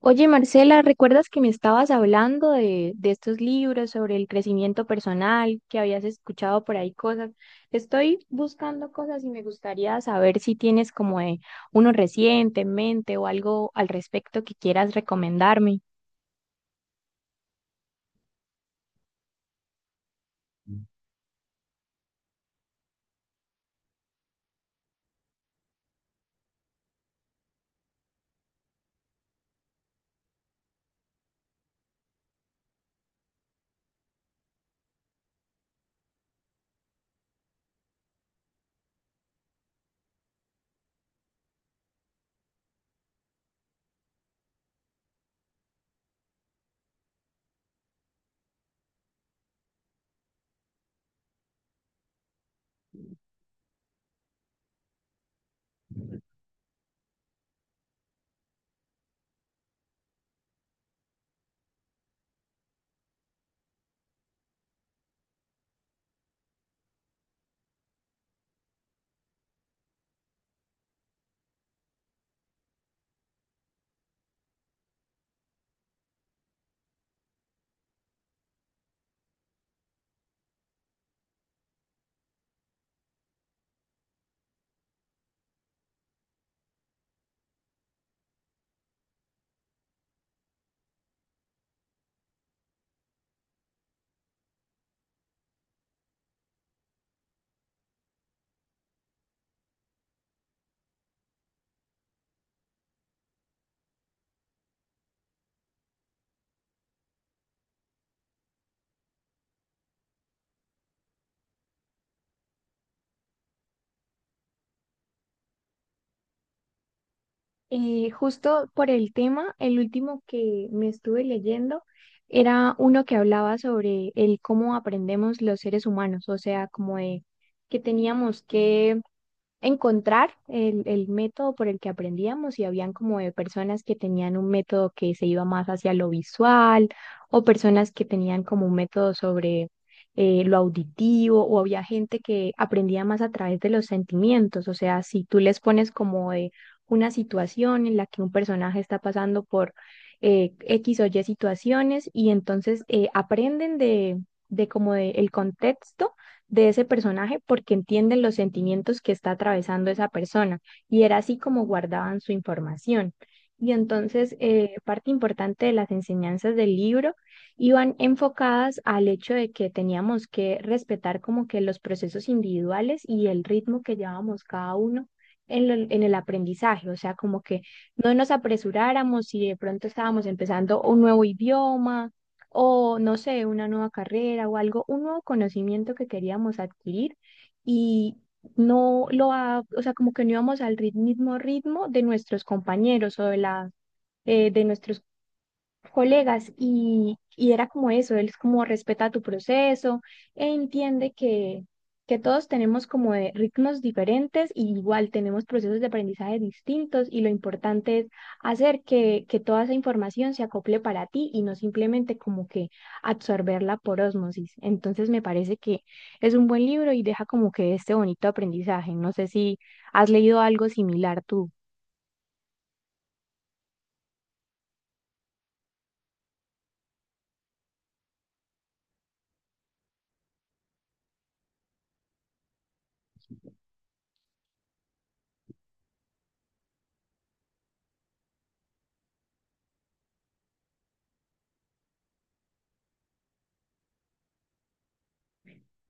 Oye, Marcela, ¿recuerdas que me estabas hablando de estos libros sobre el crecimiento personal, que habías escuchado por ahí cosas? Estoy buscando cosas y me gustaría saber si tienes como uno reciente en mente o algo al respecto que quieras recomendarme. Justo por el tema, el último que me estuve leyendo era uno que hablaba sobre el cómo aprendemos los seres humanos, o sea, como de que teníamos que encontrar el método por el que aprendíamos y habían como de personas que tenían un método que se iba más hacia lo visual o personas que tenían como un método sobre lo auditivo o había gente que aprendía más a través de los sentimientos, o sea, si tú les pones como de una situación en la que un personaje está pasando por X o Y situaciones y entonces aprenden de como de el contexto de ese personaje porque entienden los sentimientos que está atravesando esa persona y era así como guardaban su información. Y entonces, parte importante de las enseñanzas del libro iban enfocadas al hecho de que teníamos que respetar como que los procesos individuales y el ritmo que llevábamos cada uno en, en el aprendizaje, o sea, como que no nos apresuráramos si de pronto estábamos empezando un nuevo idioma o no sé, una nueva carrera o algo, un nuevo conocimiento que queríamos adquirir y no lo, ha- o sea, como que no íbamos al mismo ritmo de nuestros compañeros o de la, de nuestros colegas y era como eso, él es como respeta tu proceso e entiende que todos tenemos como de ritmos diferentes y igual tenemos procesos de aprendizaje distintos y lo importante es hacer que toda esa información se acople para ti y no simplemente como que absorberla por ósmosis. Entonces me parece que es un buen libro y deja como que este bonito aprendizaje. No sé si has leído algo similar tú.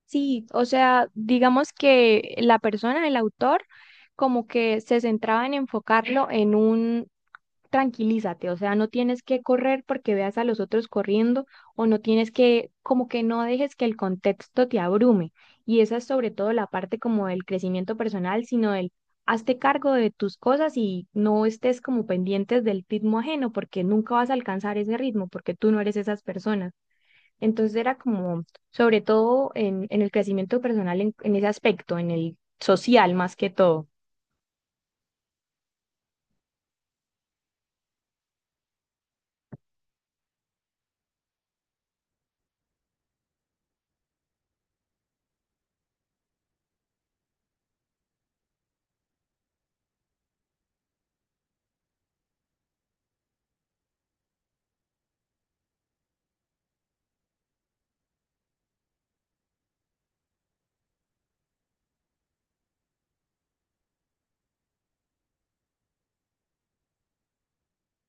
Sí, o sea, digamos que la persona, el autor, como que se centraba en enfocarlo en un tranquilízate, o sea, no tienes que correr porque veas a los otros corriendo o no tienes que, como que no dejes que el contexto te abrume. Y esa es sobre todo la parte como del crecimiento personal, sino del hazte cargo de tus cosas y no estés como pendientes del ritmo ajeno porque nunca vas a alcanzar ese ritmo porque tú no eres esas personas. Entonces era como, sobre todo en el crecimiento personal, en ese aspecto, en el social más que todo.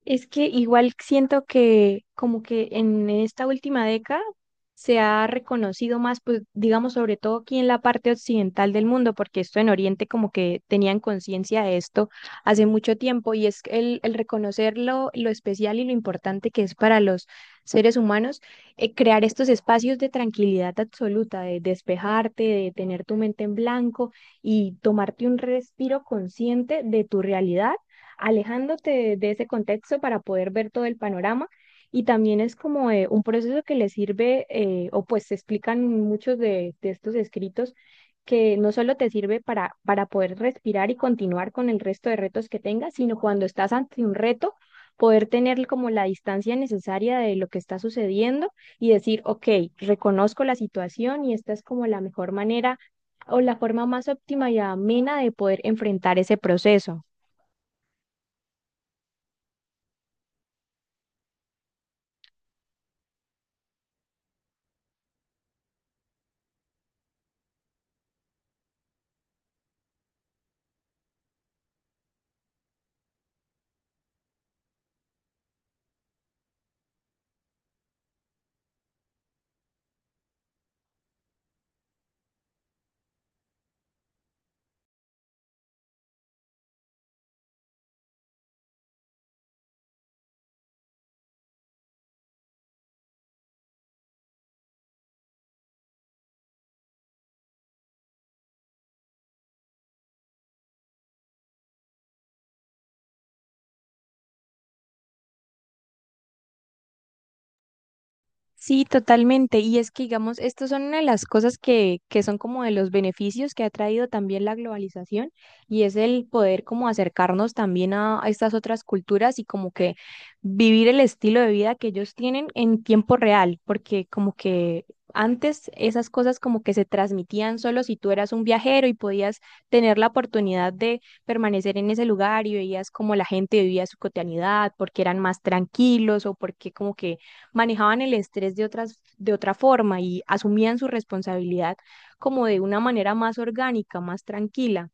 Es que igual siento que como que en esta última década se ha reconocido más, pues digamos, sobre todo aquí en la parte occidental del mundo, porque esto en Oriente como que tenían conciencia de esto hace mucho tiempo y es el reconocer lo especial y lo importante que es para los seres humanos crear estos espacios de tranquilidad absoluta, de despejarte, de tener tu mente en blanco y tomarte un respiro consciente de tu realidad alejándote de ese contexto para poder ver todo el panorama. Y también es como un proceso que le sirve, o pues se explican muchos de estos escritos, que no solo te sirve para poder respirar y continuar con el resto de retos que tengas, sino cuando estás ante un reto, poder tener como la distancia necesaria de lo que está sucediendo y decir, ok, reconozco la situación y esta es como la mejor manera o la forma más óptima y amena de poder enfrentar ese proceso. Sí, totalmente. Y es que, digamos, estos son una de las cosas que son como de los beneficios que ha traído también la globalización y es el poder como acercarnos también a estas otras culturas y como que vivir el estilo de vida que ellos tienen en tiempo real, porque como que antes esas cosas como que se transmitían solo si tú eras un viajero y podías tener la oportunidad de permanecer en ese lugar y veías como la gente vivía su cotidianidad, porque eran más tranquilos o porque como que manejaban el estrés de otras, de otra forma y asumían su responsabilidad como de una manera más orgánica, más tranquila.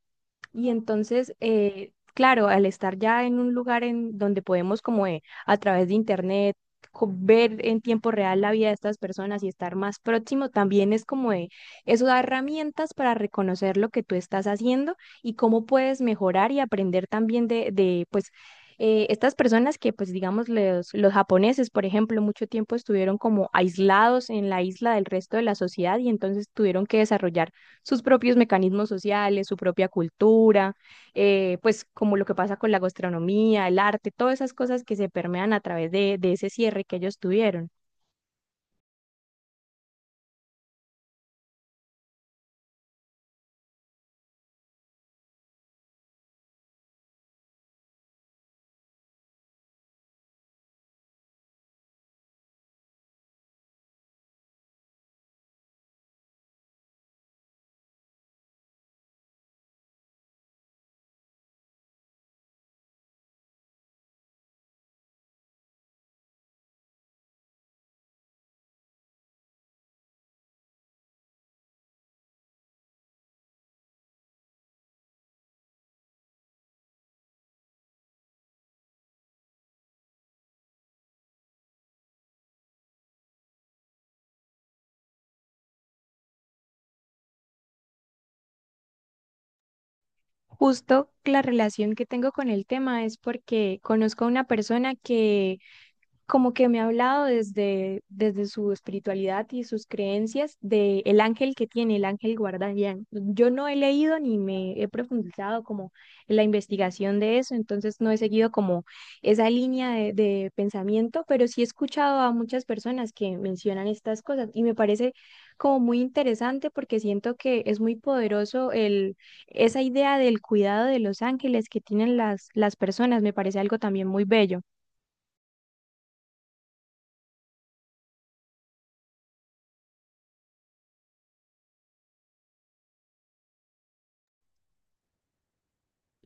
Y entonces, claro, al estar ya en un lugar en donde podemos como a través de internet ver en tiempo real la vida de estas personas y estar más próximo, también es como eso da herramientas para reconocer lo que tú estás haciendo y cómo puedes mejorar y aprender también de pues, estas personas que, pues, digamos, los japoneses, por ejemplo, mucho tiempo estuvieron como aislados en la isla del resto de la sociedad y entonces tuvieron que desarrollar sus propios mecanismos sociales, su propia cultura, pues como lo que pasa con la gastronomía, el arte, todas esas cosas que se permean a través de ese cierre que ellos tuvieron. Justo la relación que tengo con el tema es porque conozco a una persona que como que me ha hablado desde su espiritualidad y sus creencias de el ángel que tiene, el ángel guardián. Yo no he leído ni me he profundizado como en la investigación de eso, entonces no he seguido como esa línea de pensamiento, pero sí he escuchado a muchas personas que mencionan estas cosas y me parece como muy interesante porque siento que es muy poderoso el, esa idea del cuidado de los ángeles que tienen las personas, me parece algo también muy bello.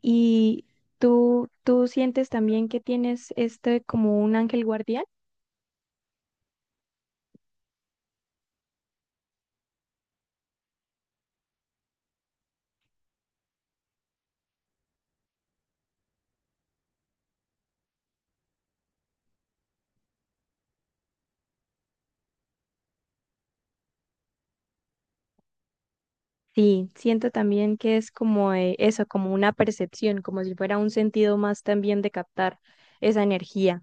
¿Y tú sientes también que tienes este como un ángel guardián? Sí, siento también que es como eso, como una percepción, como si fuera un sentido más también de captar esa energía.